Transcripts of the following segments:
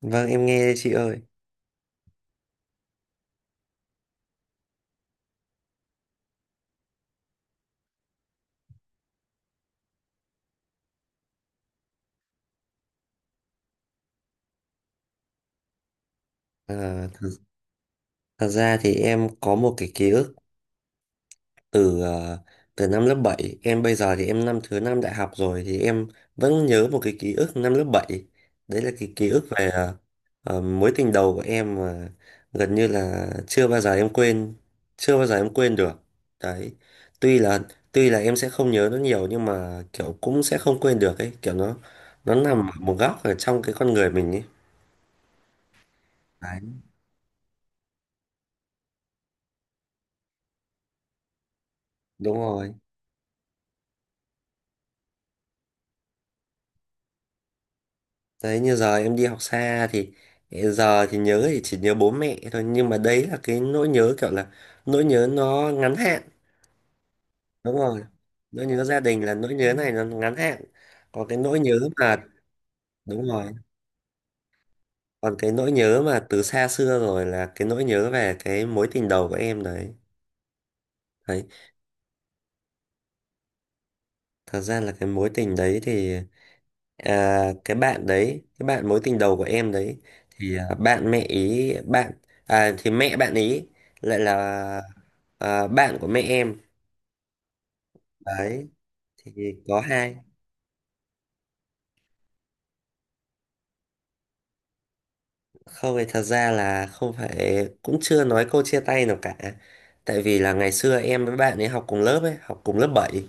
Vâng, em nghe đây chị ơi. À, thật ra thì em có một cái ký ức từ ờ, từ năm lớp bảy. Em bây giờ thì em năm thứ năm đại học rồi thì em vẫn nhớ một cái ký ức năm lớp bảy. Đấy là cái ký ức về mối tình đầu của em mà gần như là chưa bao giờ em quên, chưa bao giờ em quên được. Đấy. Tuy là tuy là em sẽ không nhớ nó nhiều nhưng mà kiểu cũng sẽ không quên được ấy, kiểu nó nằm ở một góc ở trong cái con người mình ấy. Đấy, đúng rồi. Đấy, như giờ em đi học xa thì giờ thì nhớ thì chỉ nhớ bố mẹ thôi nhưng mà đấy là cái nỗi nhớ kiểu là nỗi nhớ nó ngắn hạn. Đúng rồi, nỗi nhớ gia đình là nỗi nhớ này nó ngắn hạn. Còn cái nỗi nhớ mà Đúng rồi, còn cái nỗi nhớ mà từ xa xưa rồi là cái nỗi nhớ về cái mối tình đầu của em đấy. Đấy, thật ra là cái mối tình đấy thì, à, cái bạn mối tình đầu của em đấy thì, à, bạn mẹ ý bạn à, thì mẹ bạn ý lại là, à, bạn của mẹ em. Đấy, thì có hai. Không, thì thật ra là không phải, cũng chưa nói câu chia tay nào cả. Tại vì là ngày xưa em với bạn ấy học cùng lớp ấy, học cùng lớp bảy.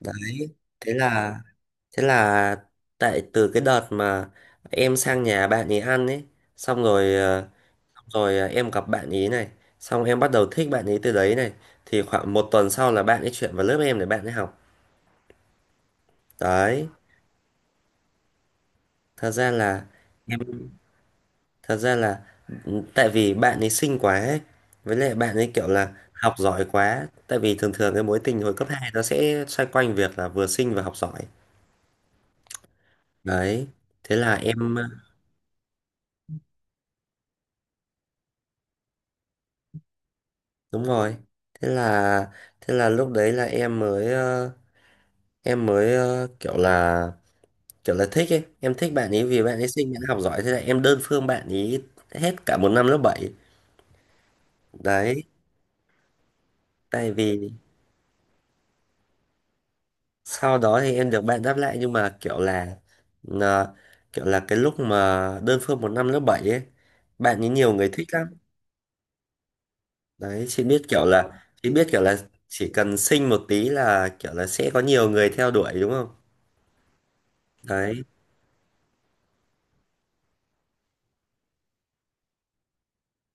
Đấy, thế là thế là tại từ cái đợt mà em sang nhà bạn ấy ăn ấy, xong rồi rồi, à, em gặp bạn ý này, xong em bắt đầu thích bạn ý từ đấy này, thì khoảng một tuần sau là bạn ấy chuyển vào lớp em để bạn ấy học. Đấy, thật ra là em thật ra là, tại vì bạn ấy xinh quá ấy, với lại bạn ấy kiểu là học giỏi quá, tại vì thường thường cái mối tình hồi cấp 2 nó sẽ xoay quanh việc là vừa xinh và học giỏi. Đấy, thế là em ờ, đúng rồi. Thế là thế là lúc đấy là em mới em mới ờ, kiểu là kiểu là thích ấy, em thích bạn ấy vì bạn ấy xinh, bạn ấy học giỏi, thế là em đơn phương bạn ấy hết cả một năm lớp bảy. Đấy, tại vì sau đó thì em được bạn đáp lại nhưng mà kiểu là, là- kiểu là cái lúc mà đơn phương một năm lớp 7 ấy, bạn ấy nhiều người thích lắm. Đấy, chị biết kiểu là, chỉ cần xinh một tí là kiểu là sẽ có nhiều người theo đuổi, đúng không? Đấy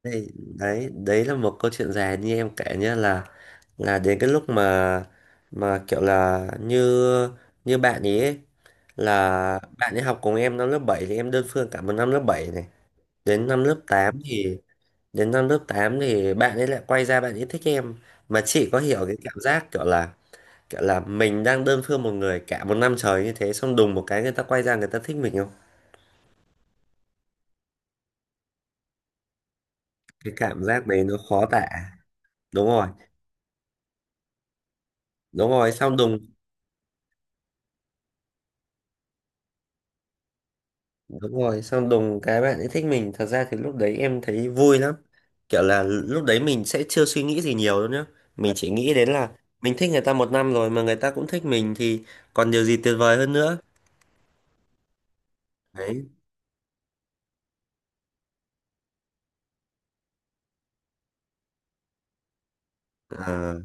Đấy. Đấy, đấy là một câu chuyện dài như em kể nhá, là đến cái lúc mà kiểu là như, như bạn ý ấy, là bạn ấy học cùng em năm lớp 7 thì em đơn phương cả một năm lớp 7 này, đến năm lớp tám thì, bạn ấy lại quay ra bạn ấy thích em. Mà chị có hiểu cái cảm giác kiểu là, kiểu là mình đang đơn phương một người cả một năm trời như thế xong đùng một cái người ta quay ra người ta thích mình không? Cái cảm giác đấy nó khó tả. Đúng rồi, đúng rồi, xong đùng. Đúng rồi, xong đùng cái bạn ấy thích mình. Thật ra thì lúc đấy em thấy vui lắm. Kiểu là lúc đấy mình sẽ chưa suy nghĩ gì nhiều đâu nhá. Mình chỉ nghĩ đến là mình thích người ta một năm rồi mà người ta cũng thích mình thì còn điều gì tuyệt vời hơn nữa. Đấy. À,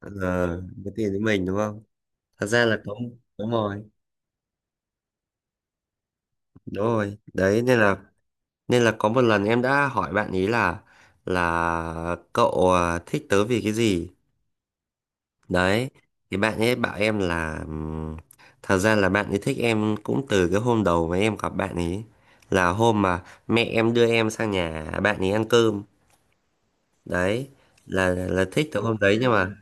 à, cái tiền với mình đúng không? Thật ra là có. Đúng rồi, đúng rồi. Đấy nên là, có một lần em đã hỏi bạn ý là cậu, à, thích tớ vì cái gì? Đấy, thì bạn ấy bảo em là, thật ra là bạn ấy thích em cũng từ cái hôm đầu mà em gặp bạn ấy, là hôm mà mẹ em đưa em sang nhà bạn ấy ăn cơm. Đấy, là thích từ hôm đấy nhưng mà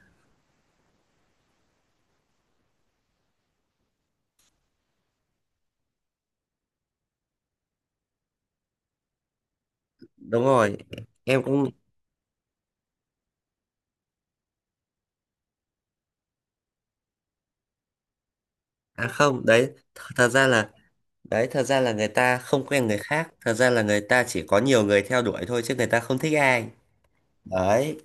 đúng rồi, em cũng. À không, đấy, thật ra là, đấy, thật ra là người ta không quen người khác, thật ra là người ta chỉ có nhiều người theo đuổi thôi chứ người ta không thích ai. Đấy.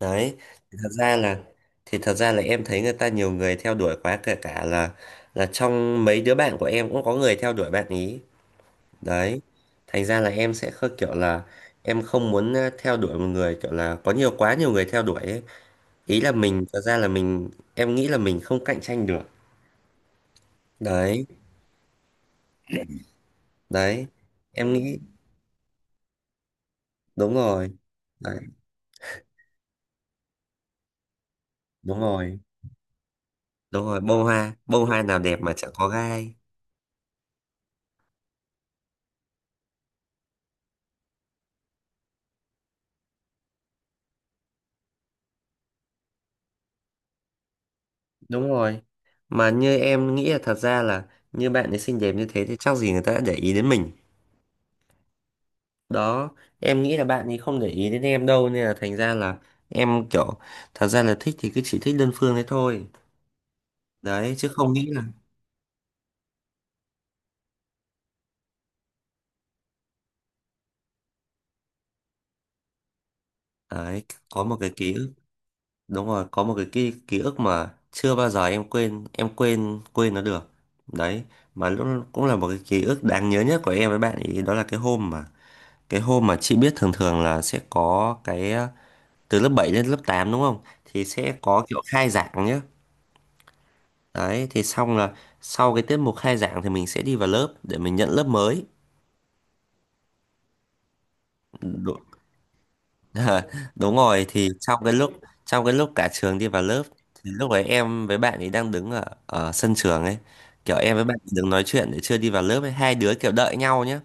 Đấy, thì thật ra là thì thật ra là em thấy người ta nhiều người theo đuổi quá, kể cả là trong mấy đứa bạn của em cũng có người theo đuổi bạn ý. Đấy, thành ra là em sẽ khơ kiểu là em không muốn theo đuổi một người kiểu là có nhiều quá, nhiều người theo đuổi ấy. Ý là mình thật ra là mình, em nghĩ là mình không cạnh tranh được. Đấy. Đấy, em nghĩ đúng rồi. Đấy, đúng rồi, đúng rồi, bông hoa nào đẹp mà chẳng có gai. Đúng rồi. Mà như em nghĩ là thật ra là như bạn ấy xinh đẹp như thế thì chắc gì người ta đã để ý đến mình. Đó, em nghĩ là bạn ấy không để ý đến em đâu nên là thành ra là em kiểu, thật ra là thích thì cứ chỉ thích đơn phương đấy thôi. Đấy, chứ không nghĩ là đấy có một cái ký ức. Đúng rồi, có một cái ký ức mà chưa bao giờ em quên quên nó được. Đấy, mà lúc cũng là một cái ký ức đáng nhớ nhất của em với bạn ấy, đó là cái hôm mà, chị biết thường thường là sẽ có cái từ lớp 7 lên lớp 8 đúng không thì sẽ có kiểu khai giảng nhá. Đấy, thì xong là sau cái tiết mục khai giảng thì mình sẽ đi vào lớp để mình nhận lớp mới. Đúng, đúng rồi, thì trong cái lúc, cả trường đi vào lớp thì lúc ấy em với bạn ấy đang đứng ở, ở sân trường ấy, kiểu em với bạn ấy đứng nói chuyện để chưa đi vào lớp ấy, hai đứa kiểu đợi nhau nhá.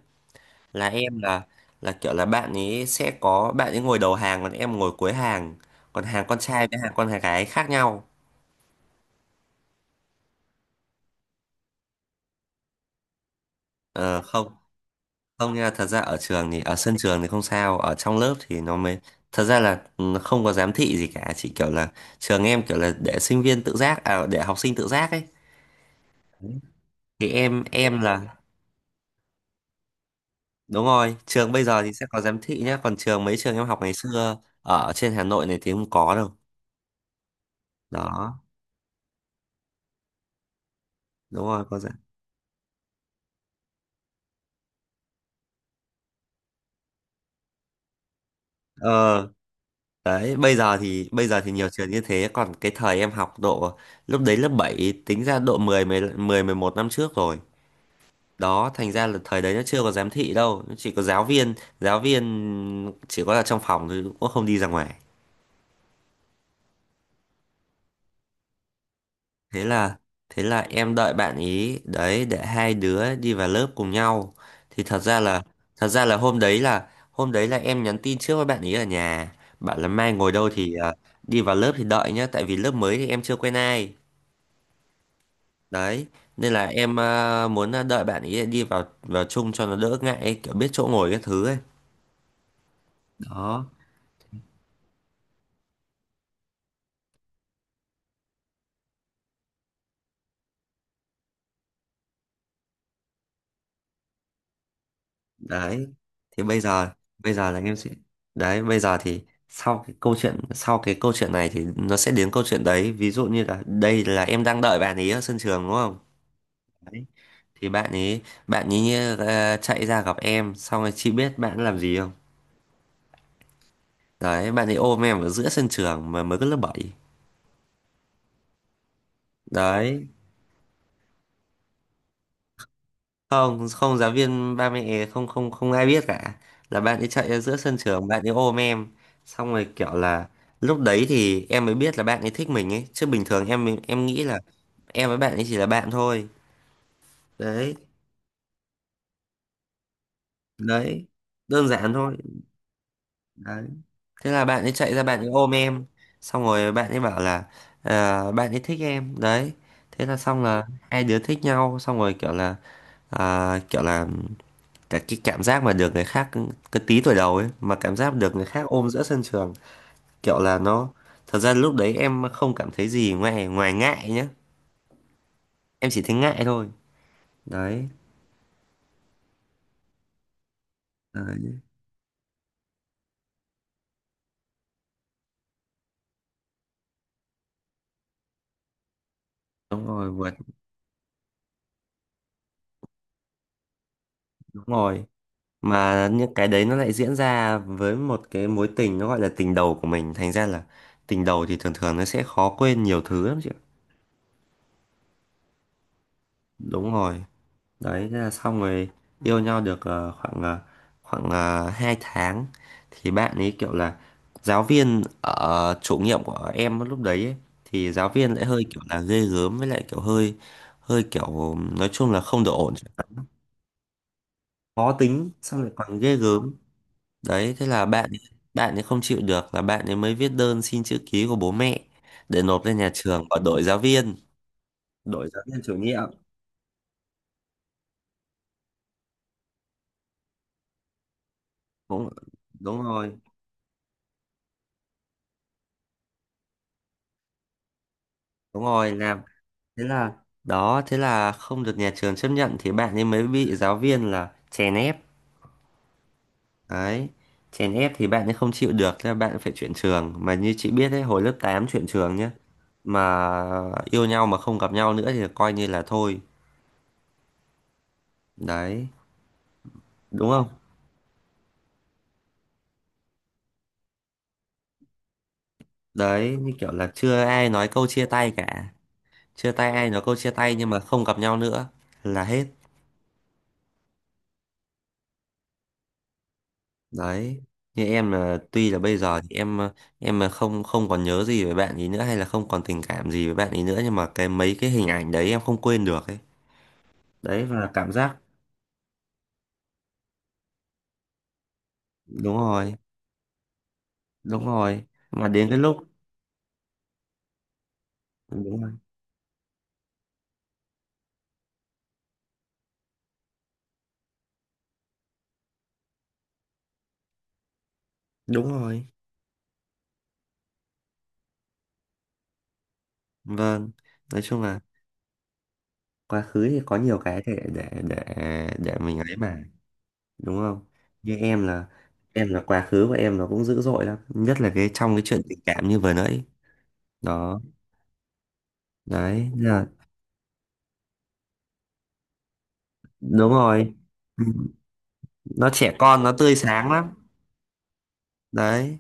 Là em là kiểu là bạn ấy sẽ có bạn ấy ngồi đầu hàng còn em ngồi cuối hàng, còn hàng con trai với hàng con gái khác nhau. Ờ, không. Không nha, thật ra ở trường thì ở sân trường thì không sao, ở trong lớp thì nó mới, thật ra là không có giám thị gì cả, chỉ kiểu là trường em kiểu là để sinh viên tự giác, à để học sinh tự giác ấy. Đấy. Thì em là đúng rồi, trường bây giờ thì sẽ có giám thị nhá, còn trường mấy trường em học ngày xưa ở trên Hà Nội này thì không có đâu. Đó, đúng rồi có giám. Ờ, đấy, bây giờ thì, nhiều trường như thế, còn cái thời em học độ lúc đấy lớp 7 tính ra độ mười mười mười 11 năm trước rồi. Đó, thành ra là thời đấy nó chưa có giám thị đâu, nó chỉ có giáo viên, giáo viên chỉ có là trong phòng thôi cũng không đi ra ngoài. Thế là thế là em đợi bạn ý đấy để hai đứa đi vào lớp cùng nhau. Thì thật ra là, hôm đấy là, em nhắn tin trước với bạn ý ở nhà, bảo là mai ngồi đâu thì, à, đi vào lớp thì đợi nhá, tại vì lớp mới thì em chưa quen ai. Đấy, nên là em, à, muốn, à, đợi bạn ý đi vào vào chung cho nó đỡ ngại ấy, kiểu biết chỗ ngồi cái thứ ấy. Đó. Đấy, thì bây giờ, bây giờ là em sẽ đấy bây giờ thì sau cái câu chuyện, này thì nó sẽ đến câu chuyện đấy, ví dụ như là đây là em đang đợi bạn ấy ở sân trường đúng không? Đấy. Thì bạn ấy chạy ra gặp em, xong rồi chị biết bạn ấy làm gì không? Đấy, bạn ấy ôm em ở giữa sân trường mà mới có lớp 7. Đấy, không, không, giáo viên ba mẹ, không không không ai biết cả. Là bạn ấy chạy ra giữa sân trường, bạn ấy ôm em, xong rồi kiểu là lúc đấy thì em mới biết là bạn ấy thích mình ấy, chứ bình thường em nghĩ là em với bạn ấy chỉ là bạn thôi. Đấy. Đấy, đơn giản thôi. Đấy, thế là bạn ấy chạy ra bạn ấy ôm em, xong rồi bạn ấy bảo là bạn ấy thích em. Đấy, thế là xong, là hai đứa thích nhau, xong rồi kiểu là cả cái cảm giác mà được người khác, cái tí tuổi đầu ấy mà cảm giác được người khác ôm giữa sân trường, kiểu là nó, thật ra lúc đấy em không cảm thấy gì ngoài ngoài ngại nhá. Em chỉ thấy ngại thôi. Đấy, đấy, đúng rồi vượt, đúng rồi. Mà những cái đấy nó lại diễn ra với một cái mối tình nó gọi là tình đầu của mình, thành ra là tình đầu thì thường thường nó sẽ khó quên nhiều thứ lắm chị ạ. Đúng rồi. Đấy, thế là xong rồi. Yêu nhau được khoảng ờ, khoảng 2 tháng thì bạn ấy kiểu là giáo viên ở chủ nhiệm của em lúc đấy ấy, thì giáo viên lại hơi kiểu là ghê gớm, với lại kiểu hơi hơi kiểu nói chung là không được ổn. Khó tính xong lại còn ghê gớm. Đấy, thế là bạn ấy không chịu được, là bạn ấy mới viết đơn xin chữ ký của bố mẹ để nộp lên nhà trường và đổi giáo viên, đổi giáo viên chủ nhiệm. Cũng đúng rồi, đúng rồi làm, thế là, đó thế là không được nhà trường chấp nhận, thì bạn ấy mới bị giáo viên là chèn ép. Đấy, chèn ép thì bạn ấy không chịu được, thế là bạn phải chuyển trường, mà như chị biết đấy, hồi lớp 8 chuyển trường nhá. Mà yêu nhau mà không gặp nhau nữa thì coi như là thôi. Đấy, đúng không? Đấy, như kiểu là chưa ai nói câu chia tay cả, chưa tay ai nói câu chia tay nhưng mà không gặp nhau nữa là hết. Đấy, như em là tuy là bây giờ thì em là không không còn nhớ gì về bạn ấy nữa hay là không còn tình cảm gì với bạn ấy nữa, nhưng mà mấy cái hình ảnh đấy em không quên được ấy. Đấy, và cảm giác. Đúng rồi, đúng rồi. Mà đến cái lúc, đúng rồi, đúng rồi. Vâng, nói chung là quá khứ thì có nhiều cái để để mình ấy mà. Đúng không? Như em là quá khứ của em nó cũng dữ dội lắm, nhất là cái trong cái chuyện tình cảm như vừa nãy đó. Đấy là đúng rồi, nó trẻ con, nó tươi sáng lắm. Đấy,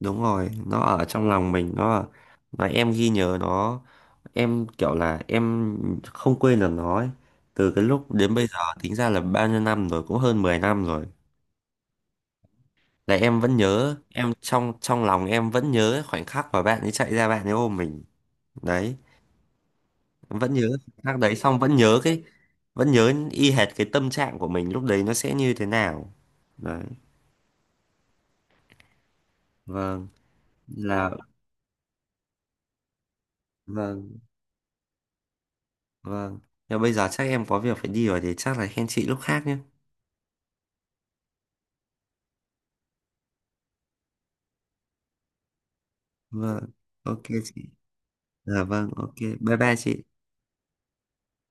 đúng rồi, nó ở trong lòng mình nó, mà em ghi nhớ nó, em kiểu là em không quên được nó ấy. Từ cái lúc đến bây giờ tính ra là bao nhiêu năm rồi, cũng hơn 10 năm rồi, là em vẫn nhớ, em trong trong lòng em vẫn nhớ khoảnh khắc mà bạn ấy chạy ra bạn ấy ôm mình. Đấy, vẫn nhớ khoảnh khắc đấy, xong vẫn nhớ cái, vẫn nhớ y hệt cái tâm trạng của mình lúc đấy nó sẽ như thế nào. Đấy, vâng, là vâng. Vâng. Nhưng bây giờ chắc em có việc phải đi rồi, thì chắc là hẹn chị lúc khác nhé. Vâng. Ok chị. Dạ vâng, ok. Bye bye chị.